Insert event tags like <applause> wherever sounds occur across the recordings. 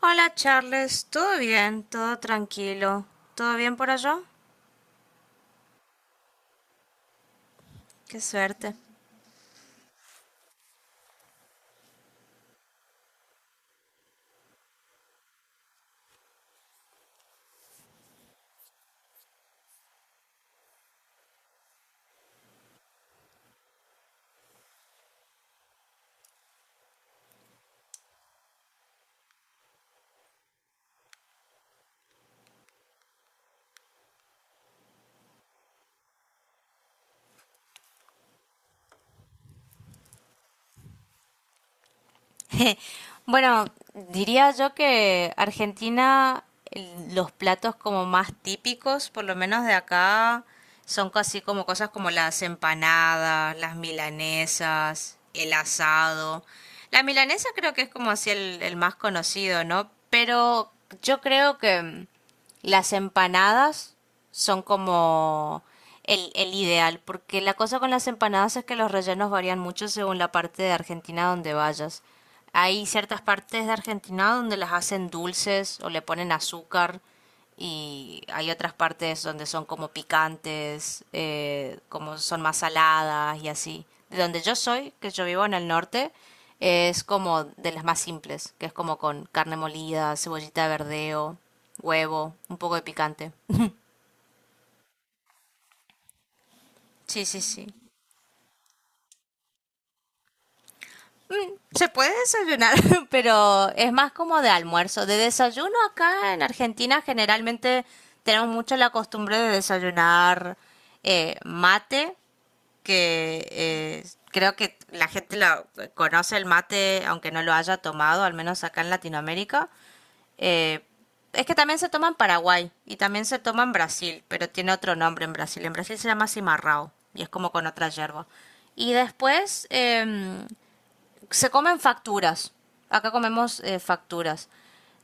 Hola Charles, ¿todo bien? ¿Todo tranquilo? ¿Todo bien por allá? Qué suerte. <laughs> Bueno, diría yo que Argentina, los platos como más típicos, por lo menos de acá, son casi como cosas como las empanadas, las milanesas, el asado. La milanesa creo que es como así el más conocido, ¿no? Pero yo creo que las empanadas son como el ideal, porque la cosa con las empanadas es que los rellenos varían mucho según la parte de Argentina donde vayas. Hay ciertas partes de Argentina donde las hacen dulces o le ponen azúcar y hay otras partes donde son como picantes, como son más saladas y así. De donde yo soy, que yo vivo en el norte, es como de las más simples, que es como con carne molida, cebollita de verdeo, huevo, un poco de picante. Sí, sí, sí. Se puede desayunar, <laughs> pero es más como de almuerzo. De desayuno acá en Argentina generalmente tenemos mucho la costumbre de desayunar mate, que creo que la gente la conoce el mate, aunque no lo haya tomado, al menos acá en Latinoamérica. Eh, es que también se toma en Paraguay y también se toma en Brasil, pero tiene otro nombre en Brasil. En Brasil se llama cimarrao y es como con otra hierba. Y después, se comen facturas. Acá comemos facturas.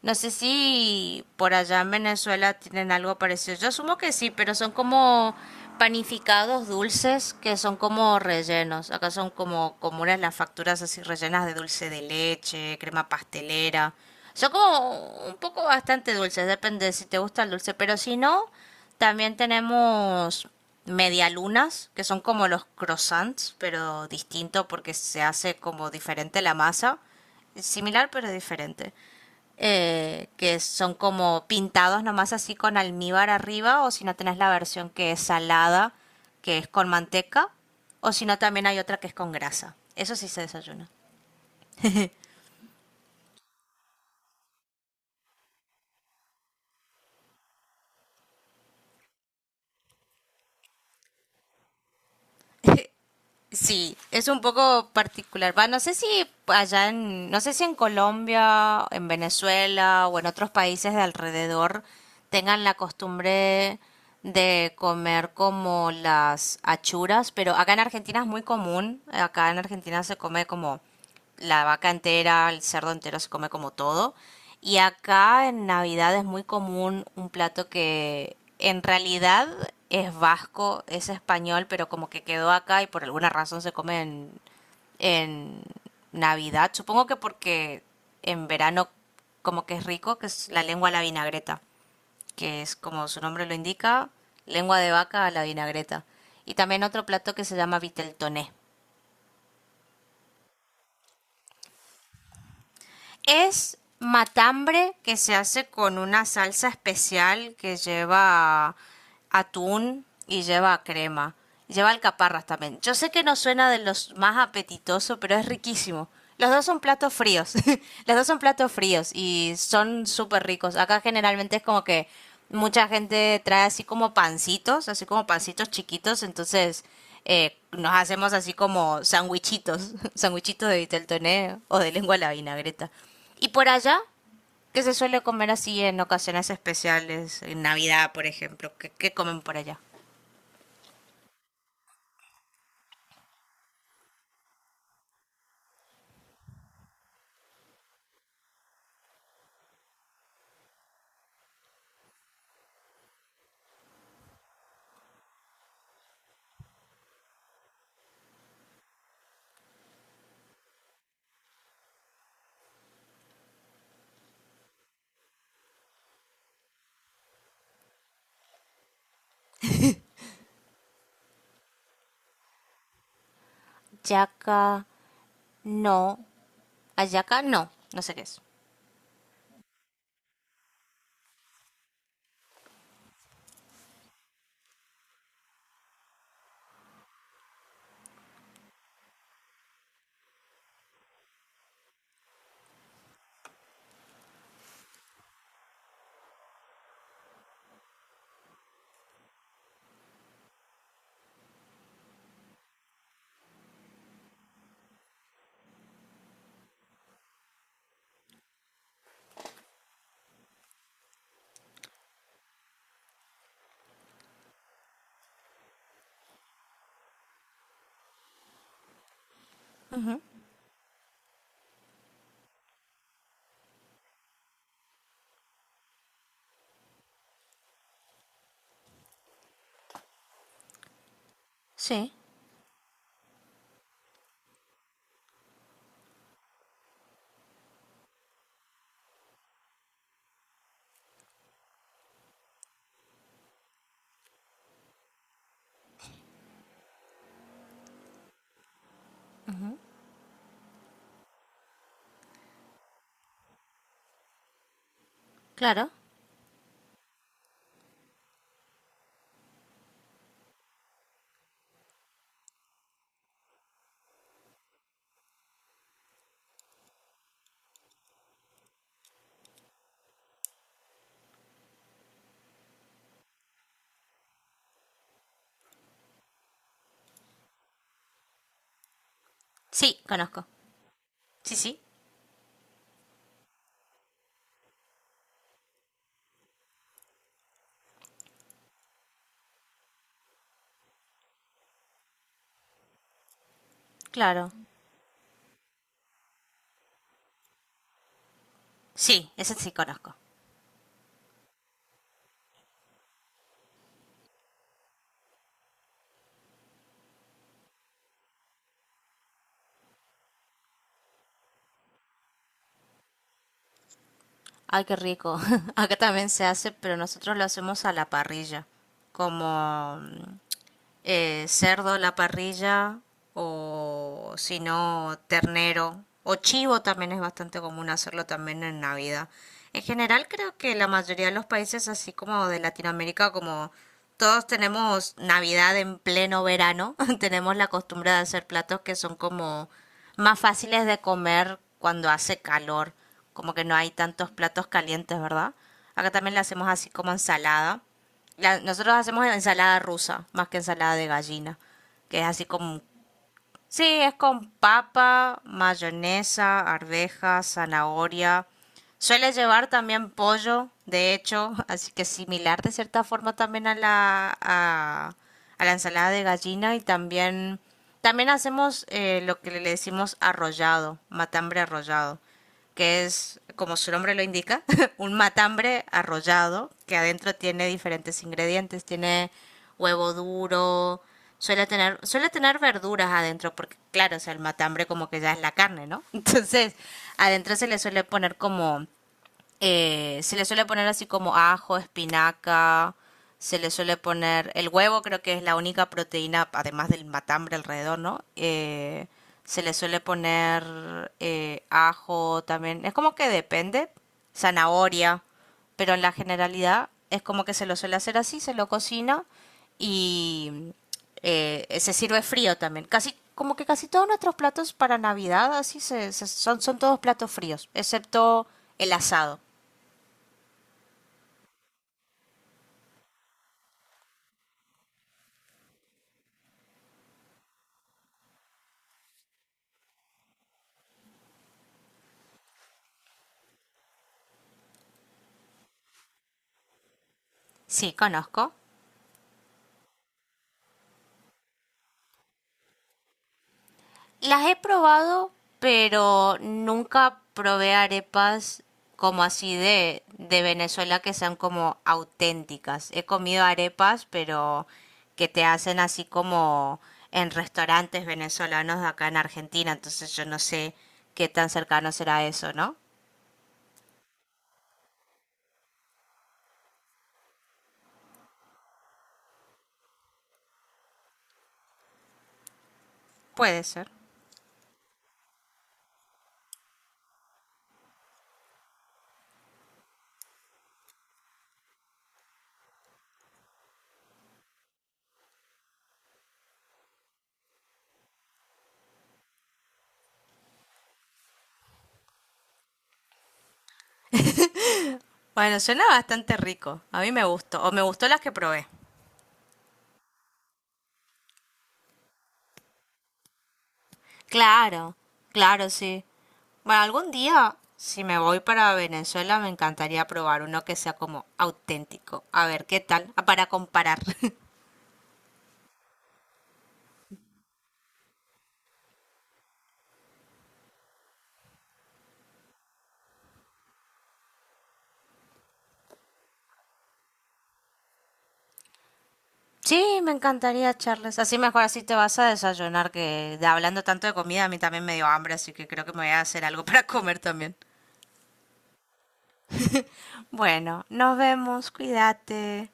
No sé si por allá en Venezuela tienen algo parecido. Yo asumo que sí, pero son como panificados dulces que son como rellenos. Acá son como comunes las facturas así rellenas de dulce de leche, crema pastelera. Son como un poco bastante dulces, depende de si te gusta el dulce, pero si no, también tenemos medialunas, que son como los croissants, pero distinto porque se hace como diferente la masa. Similar pero diferente. Que son como pintados nomás así con almíbar arriba, o si no tenés la versión que es salada, que es con manteca, o si no también hay otra que es con grasa. Eso sí se desayuna. Sí, es un poco particular. Va, no sé si no sé si en Colombia, en Venezuela o en otros países de alrededor tengan la costumbre de comer como las achuras, pero acá en Argentina es muy común. Acá en Argentina se come como la vaca entera, el cerdo entero se come como todo. Y acá en Navidad es muy común un plato que en realidad es vasco, es español, pero como que quedó acá y por alguna razón se come en Navidad. Supongo que porque en verano como que es rico, que es la lengua a la vinagreta, que es como su nombre lo indica, lengua de vaca a la vinagreta. Y también otro plato que se llama viteltoné, es matambre que se hace con una salsa especial que lleva atún y lleva crema. Lleva alcaparras también. Yo sé que no suena de los más apetitosos, pero es riquísimo. Los dos son platos fríos. <laughs> Los dos son platos fríos y son súper ricos. Acá generalmente es como que mucha gente trae así como pancitos chiquitos, entonces nos hacemos así como sandwichitos, <laughs> sandwichitos de vitel toné o de lengua a la vinagreta. Y por allá, ¿qué se suele comer así en ocasiones especiales? En Navidad, por ejemplo. ¿Qué, qué comen por allá? Yaca, no. Ayaca, no. No sé qué es. Sí, claro. Sí, conozco. Sí, sí, claro. Sí, ese sí conozco. Ay, qué rico. <laughs> Acá también se hace, pero nosotros lo hacemos a la parrilla. Como cerdo en la parrilla o si no ternero o chivo también es bastante común hacerlo también en Navidad. En general creo que la mayoría de los países así como de Latinoamérica como todos tenemos Navidad en pleno verano, <laughs> tenemos la costumbre de hacer platos que son como más fáciles de comer cuando hace calor, como que no hay tantos platos calientes, ¿verdad? Acá también le hacemos así como ensalada nosotros hacemos ensalada rusa, más que ensalada de gallina, que es así como, sí, es con papa, mayonesa, arvejas, zanahoria. Suele llevar también pollo, de hecho, <laughs> así que similar de cierta forma también a a la ensalada de gallina y también, también hacemos lo que le decimos arrollado, matambre arrollado que es, como su nombre lo indica, <laughs> un matambre arrollado que adentro tiene diferentes ingredientes. Tiene huevo duro, suele tener verduras adentro, porque claro, o sea, el matambre como que ya es la carne, ¿no? <laughs> Entonces, adentro se le suele poner como se le suele poner así como ajo, espinaca, se le suele poner el huevo, creo que es la única proteína, además del matambre alrededor, ¿no? Se le suele poner ajo también, es como que depende, zanahoria, pero en la generalidad es como que se lo suele hacer así, se lo cocina y se sirve frío también. Casi, como que casi todos nuestros platos para Navidad así son todos platos fríos, excepto el asado. Sí, conozco. Las he probado, pero nunca probé arepas como así de Venezuela que sean como auténticas. He comido arepas, pero que te hacen así como en restaurantes venezolanos de acá en Argentina. Entonces yo no sé qué tan cercano será eso, ¿no? Puede ser. Bueno, suena bastante rico. A mí me gustó. O me gustó las que probé. Claro, claro, sí. Bueno, algún día, si me voy para Venezuela, me encantaría probar uno que sea como auténtico. A ver, ¿qué tal? Ah, para comparar. <laughs> Sí, me encantaría, Charles. Así mejor así te vas a desayunar, que de hablando tanto de comida, a mí también me dio hambre, así que creo que me voy a hacer algo <laughs> para comer también. Bueno, nos vemos, cuídate.